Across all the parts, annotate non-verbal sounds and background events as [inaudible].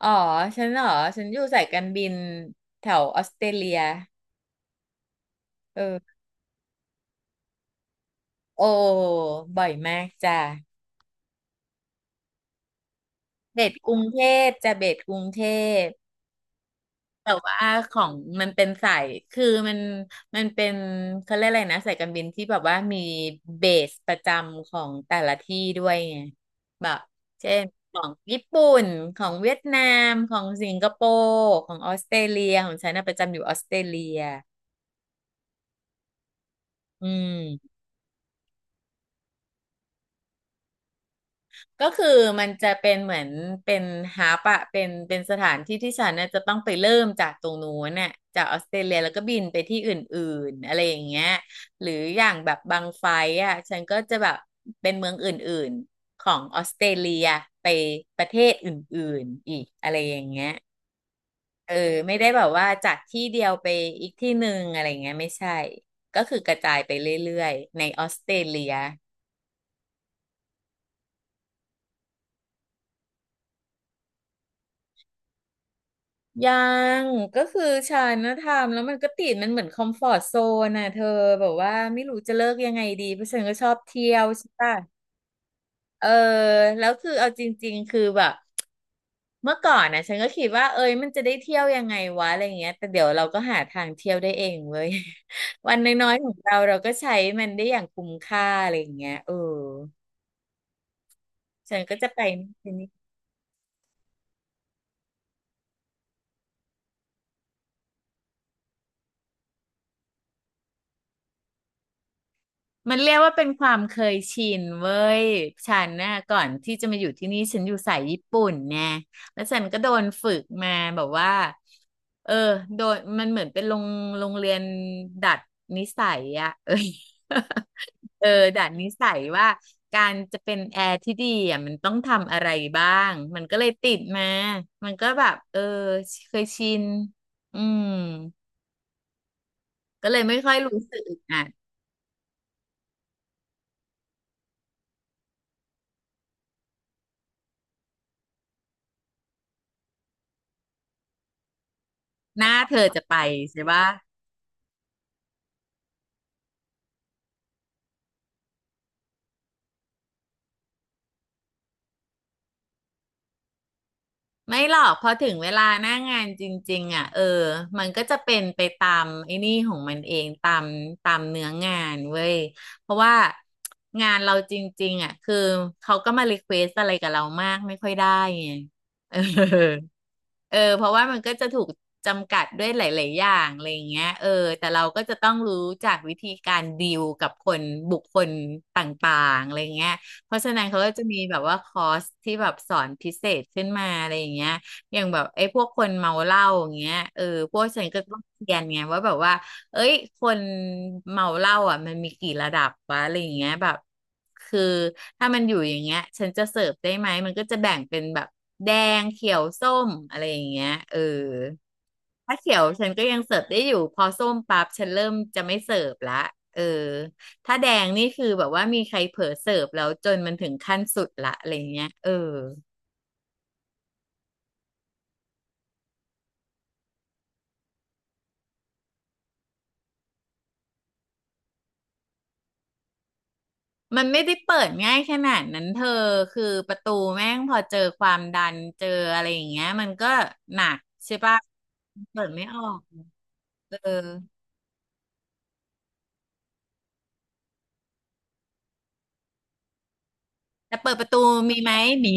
อ๋อฉันเหรอฉันอยู่สายการบินแถวออสเตรเลียเออโอ้บ่อยมากจ้ะเบสกรุงเทเบสกรุงเทพแต่ว่าของมันเป็นสายคือมันเป็นเขาเรียกอะไรนะสายการบินที่แบบว่ามีเบสประจำของแต่ละที่ด้วยไงแบบเช่นของญี่ปุ่นของเวียดนามของสิงคโปร์ของออสเตรเลียของฉันน่ะประจำอยู่ออสเตรเลียอืม ก็คือมันจะเป็นเหมือนเป็นฮับอะเป็นสถานที่ที่ฉันน่ะจะต้องไปเริ่มจากตรงนู้นน่ะจากออสเตรเลียแล้วก็บินไปที่อื่นๆอะไรอย่างเงี้ยหรืออย่างแบบบางไฟล์อะฉันก็จะแบบเป็นเมืองอื่นๆของออสเตรเลียไปประเทศอื่นๆอีกอะไรอย่างเงี้ยเออไม่ได้แบบว่าจากที่เดียวไปอีกที่หนึ่งอะไรอย่างเงี้ยไม่ใช่ก็คือกระจายไปเรื่อยๆในออสเตรเลีย ยังก็คือฉันนะทำแล้วมันก็ติดมันเหมือนคอมฟอร์ z โซนน่ะเธอแบบว่าไม่รู้จะเลิกยังไงดีเพราะฉันก็ชอบเที่ยวใช่ปะเออแล้วคือเอาจริงๆคือแบบเมื่อก่อนนะฉันก็คิดว่าเอ้ยมันจะได้เที่ยวยังไงวะอะไรเงี้ยแต่เดี๋ยวเราก็หาทางเที่ยวได้เองเว้ย [laughs] วันน้อยๆของเราเราก็ใช้มันได้อย่างคุ้มค่าอะไรอย่างเงี้ยเออฉันก็จะไปนี่ มันเรียกว่าเป็นความเคยชินเว้ยฉันน่ะก่อนที่จะมาอยู่ที่นี่ฉันอยู่สายญี่ปุ่นไงแล้วฉันก็โดนฝึกมาแบบว่าเออโดนมันเหมือนเป็นโรงเรียนดัดนิสัยอะ [laughs] เออ [laughs] เออดัดนิสัยว่าการจะเป็นแอร์ที่ดีอ่ะมันต้องทำอะไรบ้างมันก็เลยติดมามันก็แบบเออเคยชินอืมก็เลยไม่ค่อยรู้สึกอึดอัดหน้าเธอจะไปใช่ปะ ไม่หรอกพอถึงเวลาหน้างานจริงๆอ่ะเออมันก็จะเป็นไปตามไอ้นี่ของมันเองตามเนื้องานเว้ยเพราะว่างานเราจริงๆอ่ะคือเขาก็มารีเควสอะไรกับเรามากไม่ค่อยได้ไงเออเออเพราะว่ามันก็จะถูกจำกัดด้วยหลายๆอย่างอะไรอย่างเงี้ยเออแต่เราก็จะต้องรู้จากวิธีการดีลกับคนบุคคลต่างๆอะไรเงี้ย เพราะฉะนั้นเขาก็จะมีแบบว่าคอร์สที่แบบสอนพิเศษขึ้นมาอะไรอย่างเงี้ยอย่างแบบไอ้พวกคนเมาเหล้าอย่างเงี้ยเออพวกฉันก็ต้องเรียนไงว่าแบบว่าเอ้ยคนเมาเหล้าอ่ะมันมีกี่ระดับวะอะไรอย่างเงี้ยแบบคือถ้ามันอยู่อย่างเงี้ยฉันจะเสิร์ฟได้ไหมมันก็จะแบ่งเป็นแบบแดงเขียวส้มอะไรอย่างเงี้ยเออ ถ้าเขียวฉันก็ยังเสิร์ฟได้อยู่พอส้มปั๊บฉันเริ่มจะไม่เสิร์ฟละเออถ้าแดงนี่คือแบบว่ามีใครเผลอเสิร์ฟแล้วจนมันถึงขั้นสุดละอะไรเงี้ยเออมันไม่ได้เปิดง่ายขนาดนั้นเธอคือประตูแม่งพอเจอความดันเจออะไรอย่างเงี้ยมันก็หนักใช่ปะเปิดไม่ออกเออแต่เปิดประตูมีไหมมี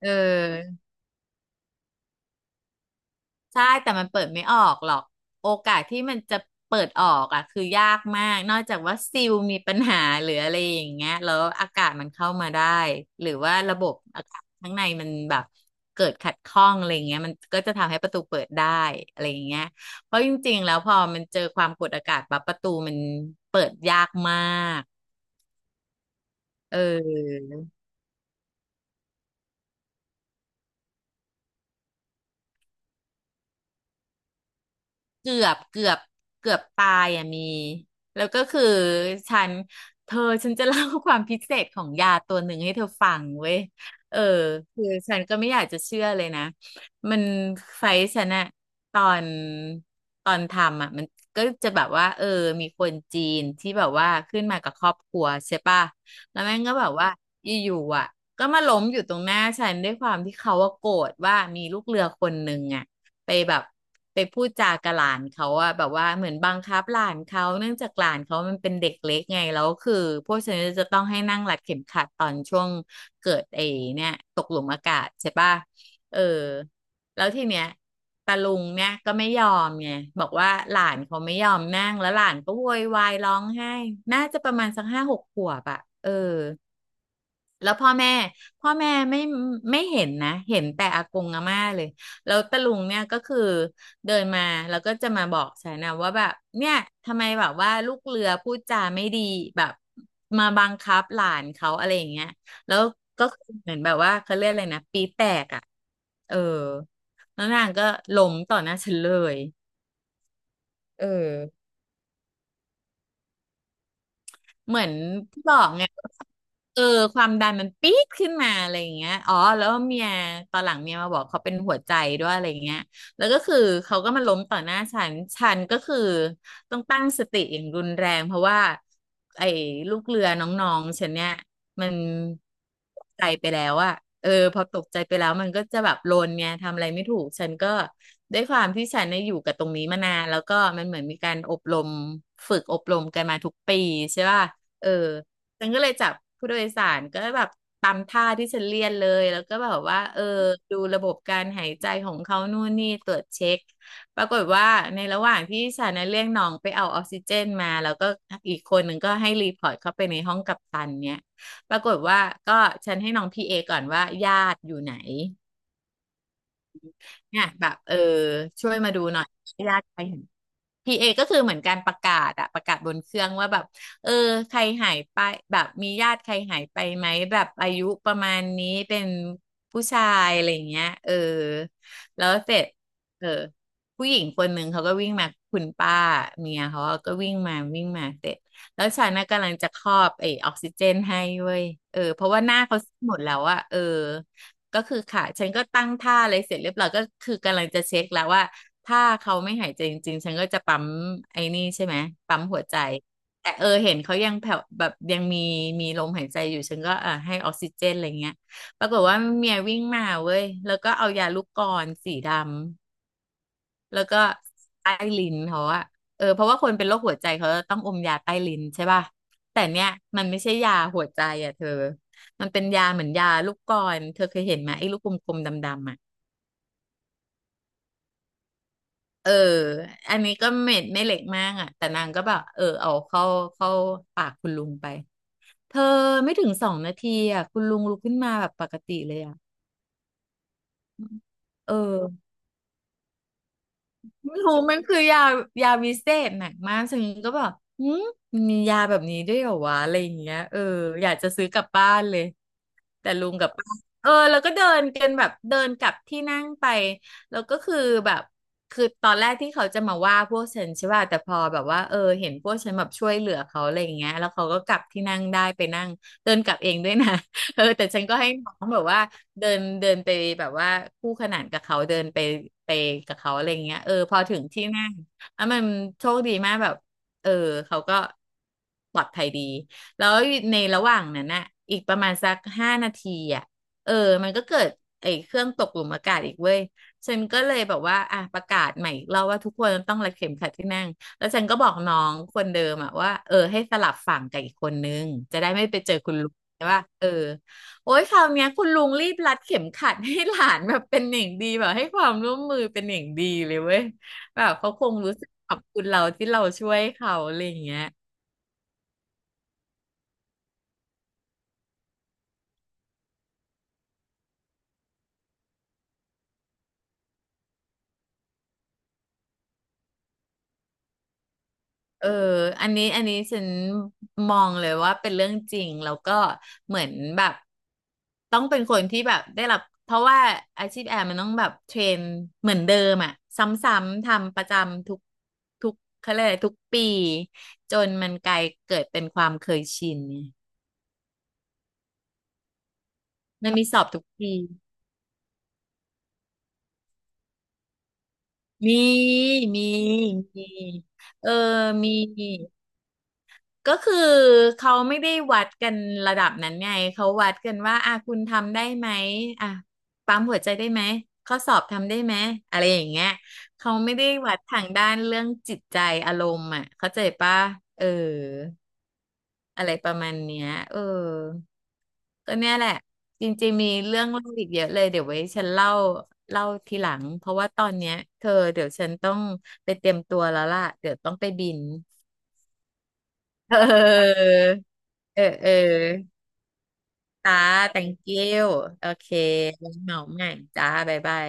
เออ ใช่แต่มันเปิดไม่ออกหรอกโอกาสที่มันจะเปิดออกอ่ะคือยากมากนอกจากว่าซิลมีปัญหาหรืออะไรอย่างเงี้ยแล้วอากาศมันเข้ามาได้หรือว่าระบบอากาศข้างในมันแบบเกิดขัดข้องอะไรเงี้ยมันก็จะทำให้ประตูเปิดได้อะไรอย่างเงี้ยเพราะจริงๆแล้วพอมันเจอความกดอากาศปั๊บประตูมันเปิดยากมากเออ เกือบเกือบเกือบตายอ่ะมีแล้วก็คือฉันเธอฉันจะเล่าความพิเศษของยาตัวหนึ่งให้เธอฟังเว้ยเออคือฉันก็ไม่อยากจะเชื่อเลยนะมันไฟท์ฉันอะตอนตอนทำอะมันก็จะแบบว่าเออมีคนจีนที่แบบว่าขึ้นมากับครอบครัวใช่ป่ะแล้วแม่งก็แบบว่าอยู่ๆอ่ะก็มาล้มอยู่ตรงหน้าฉันด้วยความที่เขาว่าโกรธว่ามีลูกเรือคนหนึ่งอ่ะ ไปแบบไปพูดจากับหลานเขาอะแบบว่าเหมือนบังคับหลานเขาเนื่องจากหลานเขามันเป็นเด็กเล็กไงแล้วคือพวกฉันจะต้องให้นั่งรัดเข็มขัดตอนช่วงเกิดไอ้เนี่ยตกหลุมอากาศใช่ป่ะเออแล้วทีเนี้ยตาลุงเนี่ยก็ไม่ยอมไงบอกว่าหลานเขาไม่ยอมนั่งแล้วหลานก็โวยวายร้องไห้น่าจะประมาณสัก5-6 ขวบอะเออ แล้วพ่อแม่ไม่เห็นนะเห็นแต่อากงอาม่าเลยแล้วตะลุงเนี่ยก็คือเดินมาแล้วก็จะมาบอกฉันนะว่าแบบเนี่ยทำไมแบบว่าลูกเรือพูดจาไม่ดีแบบมาบังคับหลานเขาอะไรอย่างเงี้ยแล้วก็คือเหมือนแบบว่าเขาเรียกอะไรนะปีแตกอ่ะเออแล้วนางก็ล้มต่อหน้าฉันเลยเออ เหมือนที่บอกไงเออความดันมันปี๊ดขึ้นมาอะไรอย่างเงี้ยอ๋อแล้วเมียตอนหลังเมียมาบอกเขาเป็นหัวใจด้วยอะไรอย่างเงี้ยแล้วก็คือเขาก็มาล้มต่อหน้าฉันฉันก็คือต้องตั้งสติอย่างรุนแรงเพราะว่าไอ้ลูกเรือน้องๆฉันเนี่ยมันตกใจไปแล้วอะเออพอตกใจไปแล้วมันก็จะแบบโลนเนี่ยทำอะไรไม่ถูกฉันก็ด้วยความที่ฉันเนี่ยอยู่กับตรงนี้มานานแล้วก็มันเหมือนมีการอบรมฝึกอบรมกันมาทุกปีใช่ป่ะ เออฉันก็เลยจับผู้โดยสารก็แบบตามท่าที่ฉันเรียนเลยแล้วก็แบบว่าเออดูระบบการหายใจของเขานู่นนี่ตรวจเช็คปรากฏว่าในระหว่างที่ฉันน่ะเรียกน้องไปเอาออกซิเจนมาแล้วก็อีกคนหนึ่งก็ให้รีพอร์ตเข้าไปในห้องกัปตันเนี่ยปรากฏว่าก็ฉันให้น้องพีเอก่อนว่าญาติอยู่ไหนเนี่ยแบบเออช่วยมาดูหน่อยญาติใคร พีเอก็คือเหมือนการประกาศอะประกาศบนเครื่องว่าแบบเออใครหายไปแบบมีญาติใครหายไปไหมแบบอายุประมาณนี้เป็นผู้ชายอะไรอย่างเงี้ยเออแล้วเสร็จเออผู้หญิงคนหนึ่งเขาก็วิ่งมาคุณป้าเมียเขาก็วิ่งมาวิ่งมาเสร็จแล้วฉันน่ะกำลังจะครอบไอ้ออกซิเจนให้เว้ยเออเพราะว่าหน้าเขาหมดแล้วอะเออ ก็คือขาฉันก็ตั้งท่าอะไรเสร็จเรียบร้อยก็คือกำลังจะเช็คแล้วว่าถ้าเขาไม่หายใจจริงๆ ฉันก็จะปั๊มไอ้นี่ใช่ไหมปั๊มหัวใจแต่เออเห็นเขายังแผ่วแบบยังมีมีลมหายใจอยู่ฉันก็อ่าให้ออกซิเจนอะไรเงี้ยปรากฏว่าเมียวิ่งมาเว้ยแล้วก็เอายาลูกกรสีดำ แล้วก็ใต้ลิ้นเขาอะเออเพราะว่าคนเป็นโรคหัวใจเขาต้องอมยาใต้ลิ้นใช่ป่ะแต่เนี่ยมันไม่ใช่ยาหัวใจอะเธอมันเป็นยาเหมือนยาลูกกลอนเธอเคยเห็นไหมไอ้ลูกกลมๆดำๆอะเอออันนี้ก็เม็ดไม่เล็กมากอะแต่นางก็แบบเออเอาเข้าปากคุณลุงไปเธอไม่ถึง2 นาทีอะคุณลุงลุกขึ้นมาแบบปกติเลยอะเออ ไม่รู้มันคือยาวิเศษหนักมากซึ่งก็แบบหืมมันมียาแบบนี้ด้วยเหรอวะอะไรอย่างเงี้ยเอออยากจะซื้อกลับบ้านเลยแต่ลุงกับป้าเออแล้วก็เดินกันแบบเดินกลับที่นั่งไปแล้วก็คือแบบคือตอนแรกที่เขาจะมาว่าพวกฉันใช่ป่ะแต่พอแบบว่าเออเห็นพวกฉันแบบช่วยเหลือเขาอะไรอย่างเงี้ยแล้วเขาก็กลับที่นั่งได้ไปนั่งเดินกลับเองด้วยนะ เออแต่ฉันก็ให้น้องแบบว่าเดินเดินไปแบบว่าคู่ขนานกับเขาเดินไปไปกับเขาอะไรเงี้ยเออพอถึงที่นั่งแล้วมันโชคดีมากแบบเออเขาก็ปลอดภัยดีแล้วในระหว่างนั้นน่ะอีกประมาณสัก5 นาทีอ่ะเออมันก็เกิดไอ้เครื่องตกหลุมอากาศอีกเว้ยฉันก็เลยแบบว่าอ่ะประกาศใหม่อีกรอบว่าทุกคนต้องรัดเข็มขัดที่นั่งแล้วฉันก็บอกน้องคนเดิมอะว่าเออให้สลับฝั่งกับอีกคนนึงจะได้ไม่ไปเจอคุณลุงใช่ป่ะเออ โอ้ยคราวเนี้ยคุณลุงรีบรัดเข็มขัดให้หลานแบบเป็นอย่างดีแบบให้ความร่วมมือเป็นอย่างดีเลยเว้ยแบบเขาคงรู้สึกขอบคุณเราที่เราช่วยเขาอะไรอย่างเงี้ยเอออันนี้ฉันมองเลยว่าเป็นเรื่องจริงแล้วก็เหมือนแบบต้องเป็นคนที่แบบได้รับเพราะว่าอาชีพแอร์มันต้องแบบเทรนเหมือนเดิมอ่ะซ้ำๆทำประจำทุกเขาเรียกอะไรทุกปีจนมันกลายเกิดเป็นความเคยชิน มันมีสอบทุกปีมีมีมีเออมีก็คือเขาไม่ได้วัดกันระดับนั้นไงเขาวัดกันว่าอ่ะคุณทำได้ไหมอ่ะปั๊มหัวใจได้ไหมข้อสอบทำได้ไหมอะไรอย่างเงี้ยเขาไม่ได้วัดทางด้านเรื่องจิตใจอารมณ์อ่ะเข้าใจปะเออ อะไรประมาณเนี้ยเออก็เนี่ยแหละจริงๆมีเรื่องเล่าอีกเยอะเลยเดี๋ยวไว้ฉันเล่าทีหลังเพราะว่าตอนเนี้ยเธอเดี๋ยวฉันต้องไปเตรียมตัวแล้วล่ะเดี๋ยวต้องไปบินเออเออเออจ้า thank you โอเคไว้เหมาใหม่จ้าบ๊ายบาย